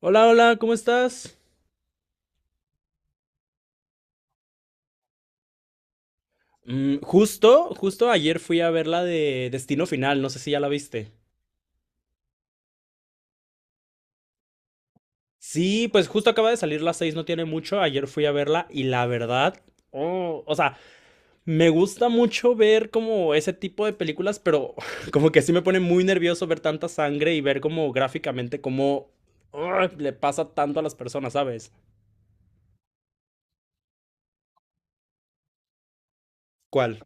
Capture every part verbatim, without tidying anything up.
Hola, hola, ¿cómo estás? Mm, justo, justo ayer fui a ver la de Destino Final, no sé si ya la viste. Sí, pues justo acaba de salir las seis, no tiene mucho, ayer fui a verla y la verdad, oh, o sea, me gusta mucho ver como ese tipo de películas, pero como que sí me pone muy nervioso ver tanta sangre y ver como gráficamente cómo ah, le pasa tanto a las personas, ¿sabes? ¿Cuál?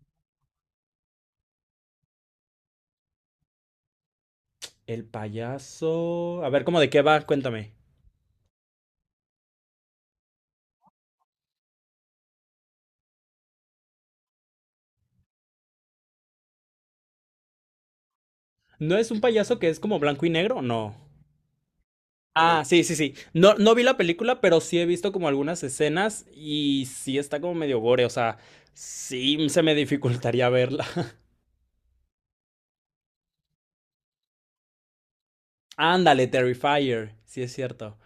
El payaso. A ver, ¿cómo de qué va? Cuéntame. ¿No es un payaso que es como blanco y negro? No. Ah, sí, sí, sí. No, no vi la película, pero sí he visto como algunas escenas y sí está como medio gore, o sea, sí se me dificultaría verla. Ándale, Terrifier, sí es cierto.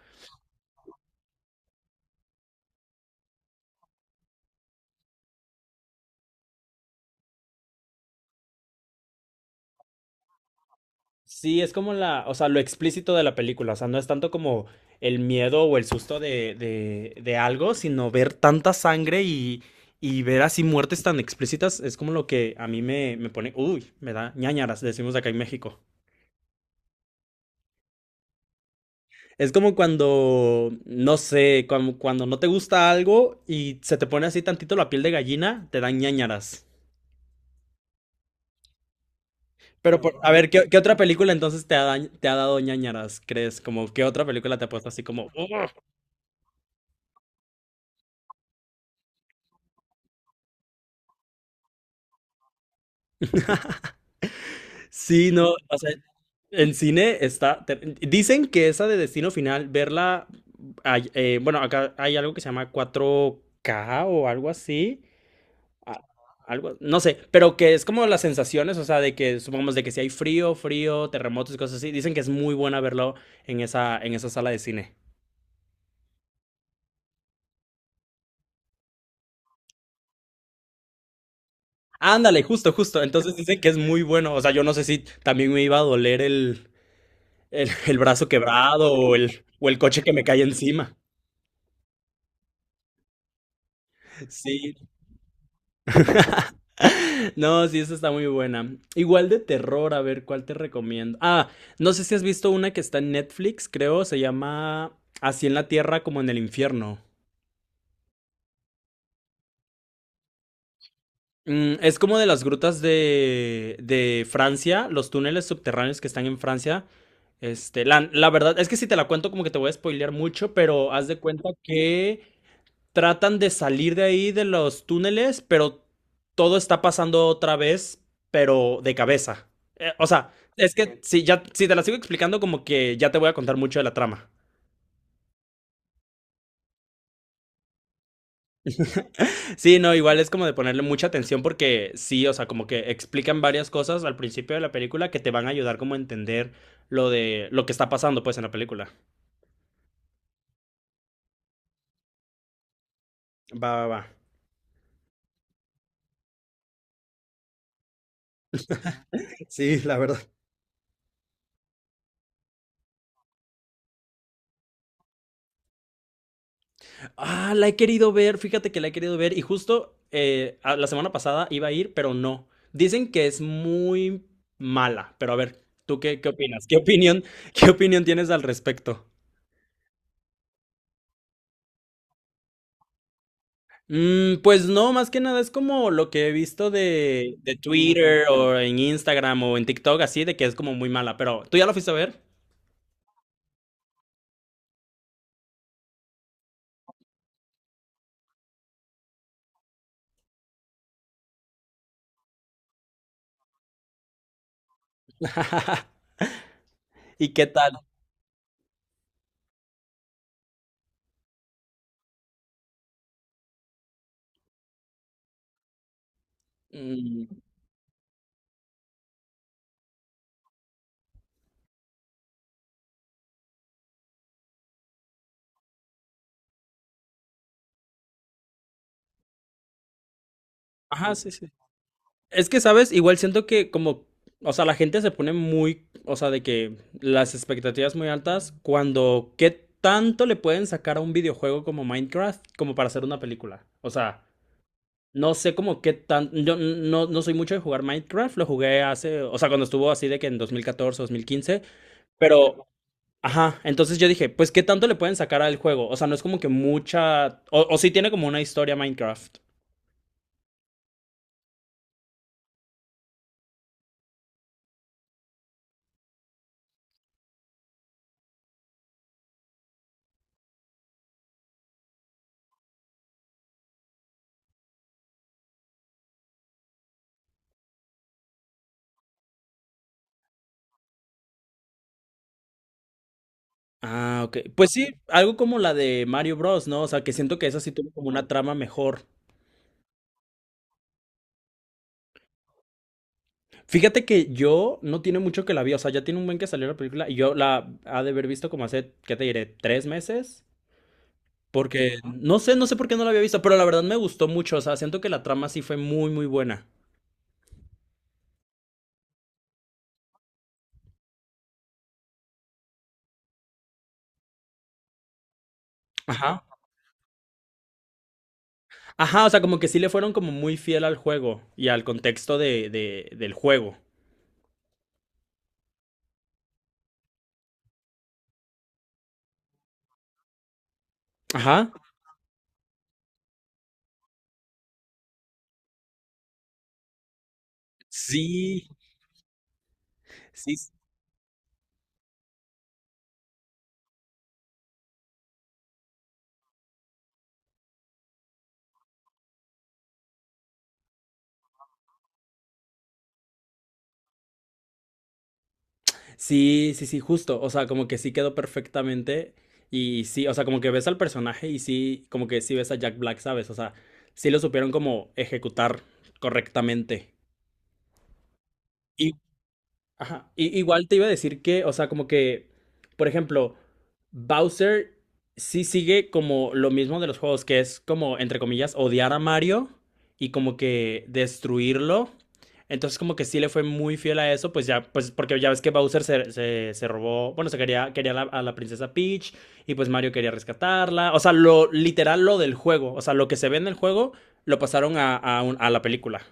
Sí, es como la, o sea, lo explícito de la película, o sea, no es tanto como el miedo o el susto de, de, de algo, sino ver tanta sangre y, y ver así muertes tan explícitas, es como lo que a mí me, me pone, uy, me da ñáñaras, decimos acá en México. Es como cuando, no sé, como cuando no te gusta algo y se te pone así tantito la piel de gallina, te dan ñáñaras. Pero por- a ver, ¿qué, qué otra película entonces te ha, da- te ha dado ñáñaras, crees? Como, ¿qué otra película te ha puesto así como, "Oh"? Sí, no, o sea, en cine está... ter- Dicen que esa de Destino Final, verla... ay- eh, bueno, acá hay algo que se llama cuatro k o algo así. a- algo, no sé, pero que es como las sensaciones, o sea, de que supongamos de que si hay frío, frío, terremotos y cosas así, dicen que es muy buena verlo en esa, en esa sala de cine. Ándale, justo, justo. Entonces dicen que es muy bueno. O sea, yo no sé si también me iba a doler el, el, el brazo quebrado o el, o el coche que me cae encima. Sí. No, sí, esa está muy buena. Igual de terror, a ver, ¿cuál te recomiendo? Ah, no sé si has visto una que está en Netflix, creo, se llama Así en la Tierra como en el infierno. Mm, es como de las grutas de, de Francia, los túneles subterráneos que están en Francia. Este, la, la verdad es que si te la cuento como que te voy a spoilear mucho, pero haz de cuenta que tratan de salir de ahí de los túneles, pero todo está pasando otra vez, pero de cabeza. Eh, o sea, es que si ya si te la sigo explicando como que ya te voy a contar mucho de la trama. Sí, no, igual es como de ponerle mucha atención porque sí, o sea, como que explican varias cosas al principio de la película que te van a ayudar como a entender lo de lo que está pasando pues en la película. Va, va, va. Sí, la verdad. Ah, la he querido ver, fíjate que la he querido ver y justo eh, a- la semana pasada iba a ir, pero no. Dicen que es muy mala, pero a ver, ¿tú qué, qué opinas? ¿Qué opinión, qué opinión tienes al respecto? Mm, pues no, más que nada es como lo que he visto de, de Twitter o en Instagram o en TikTok, así de que es como muy mala, pero ¿tú ya lo fuiste a ver? ¿Y qué tal? Mm, ajá, sí, sí. Es que, ¿sabes? Igual siento que como, o sea, la gente se pone muy, o sea, de que las expectativas muy altas cuando, ¿qué tanto le pueden sacar a un videojuego como Minecraft como para hacer una película? O sea... No sé como qué tan... Yo no, no soy mucho de jugar Minecraft, lo jugué hace, o sea, cuando estuvo así de que en dos dos mil catorce, dos mil quince, pero... Ajá, entonces yo dije, pues qué tanto le pueden sacar al juego, o sea, no es como que mucha... O, o sí tiene como una historia Minecraft. Ah, ok. Pues sí, algo como la de Mario Bros, ¿no? O sea, que siento que esa sí tuvo como una trama mejor. Fíjate que yo no tiene mucho que la vi, o sea, ya tiene un buen que salió la película y yo la ha de haber visto como hace, ¿qué te diré? ¿Tres meses? Porque no sé, no sé por qué no la había visto, pero la verdad me gustó mucho. O sea, siento que la trama sí fue muy, muy buena. Ajá. Ajá, o sea, como que sí le fueron como muy fiel al juego y al contexto de, de- del juego. Ajá. Sí, sí, sí, sí, sí, justo. O sea, como que sí quedó perfectamente. Y sí, o sea, como que ves al personaje y sí, como que sí ves a Jack Black, ¿sabes? O sea, sí lo supieron como ejecutar correctamente. Ajá. I- igual te iba a decir que, o sea, como que, por ejemplo, Bowser sí sigue como lo mismo de los juegos, que es como, entre comillas, odiar a Mario y como que destruirlo. Entonces como que sí le fue muy fiel a eso, pues ya, pues porque ya ves que Bowser se, se, se robó, bueno, se quería, quería la- a la princesa Peach y pues Mario quería rescatarla. O sea, lo literal, lo del juego, o sea, lo que se ve en el juego, lo pasaron a, a un- a la película.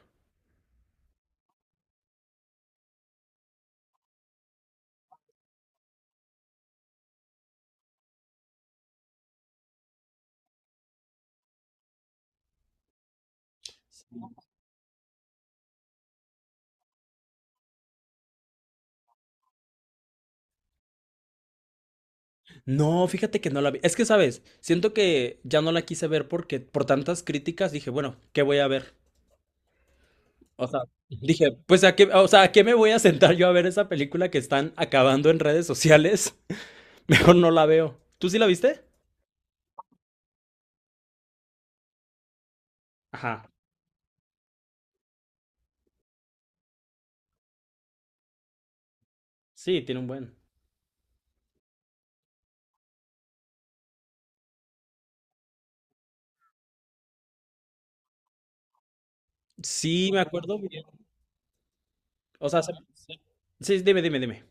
No, fíjate que no la vi. Es que, ¿sabes? Siento que ya no la quise ver porque por tantas críticas dije, bueno, ¿qué voy a ver? O sea, dije, pues a qué, o sea, ¿a qué me voy a sentar yo a ver esa película que están acabando en redes sociales? Mejor no la veo. ¿Tú sí la viste? Ajá. Sí, tiene un buen. Sí, me acuerdo bien. O sea, se- se- sí, dime, dime, dime.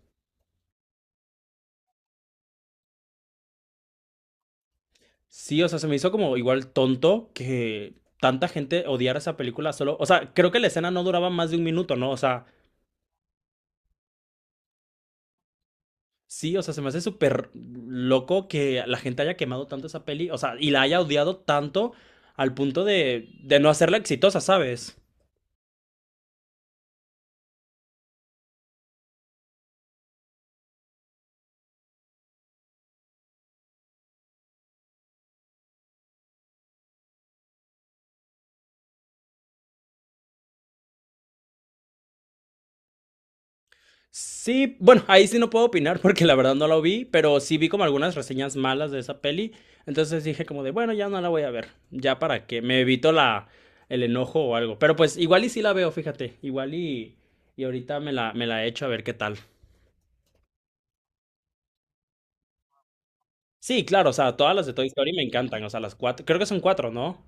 Sí, o sea, se me hizo como igual tonto que tanta gente odiara esa película solo. O sea, creo que la escena no duraba más de un minuto, ¿no? O sea, sí, o sea, se me hace súper loco que la gente haya quemado tanto esa peli, o sea, y la haya odiado tanto al punto de, de no hacerla exitosa, ¿sabes? Sí, bueno, ahí sí no puedo opinar porque la verdad no la vi, pero sí vi como algunas reseñas malas de esa peli, entonces dije como de, bueno, ya no la voy a ver, ya para que me evito la, el enojo o algo, pero pues igual y sí la veo, fíjate, igual y, y ahorita me la, me la echo a ver qué tal. Sí, claro, o sea, todas las de Toy Story me encantan, o sea, las cuatro, creo que son cuatro, ¿no?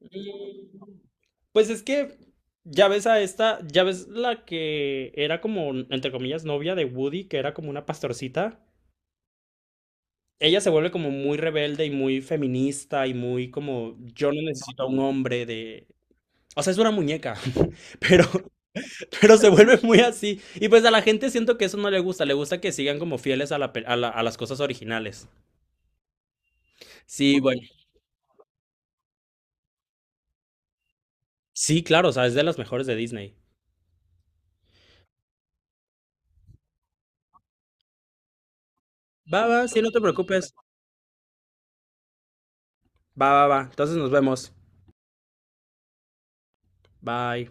Mm, pues es que ya ves a esta, ya ves la que era como, entre comillas, novia de Woody, que era como una pastorcita. Ella se vuelve como muy rebelde y muy feminista y muy como, yo no necesito a un hombre de... O sea, es una muñeca, pero, pero se vuelve muy así. Y pues a la gente siento que eso no le gusta, le gusta que sigan como fieles a la, pe- a la- a las cosas originales. Sí, bueno. Sí, claro, o sea, es de las mejores de Disney. Va, va, sí, no te preocupes. Va, va, va. Entonces nos vemos. Bye.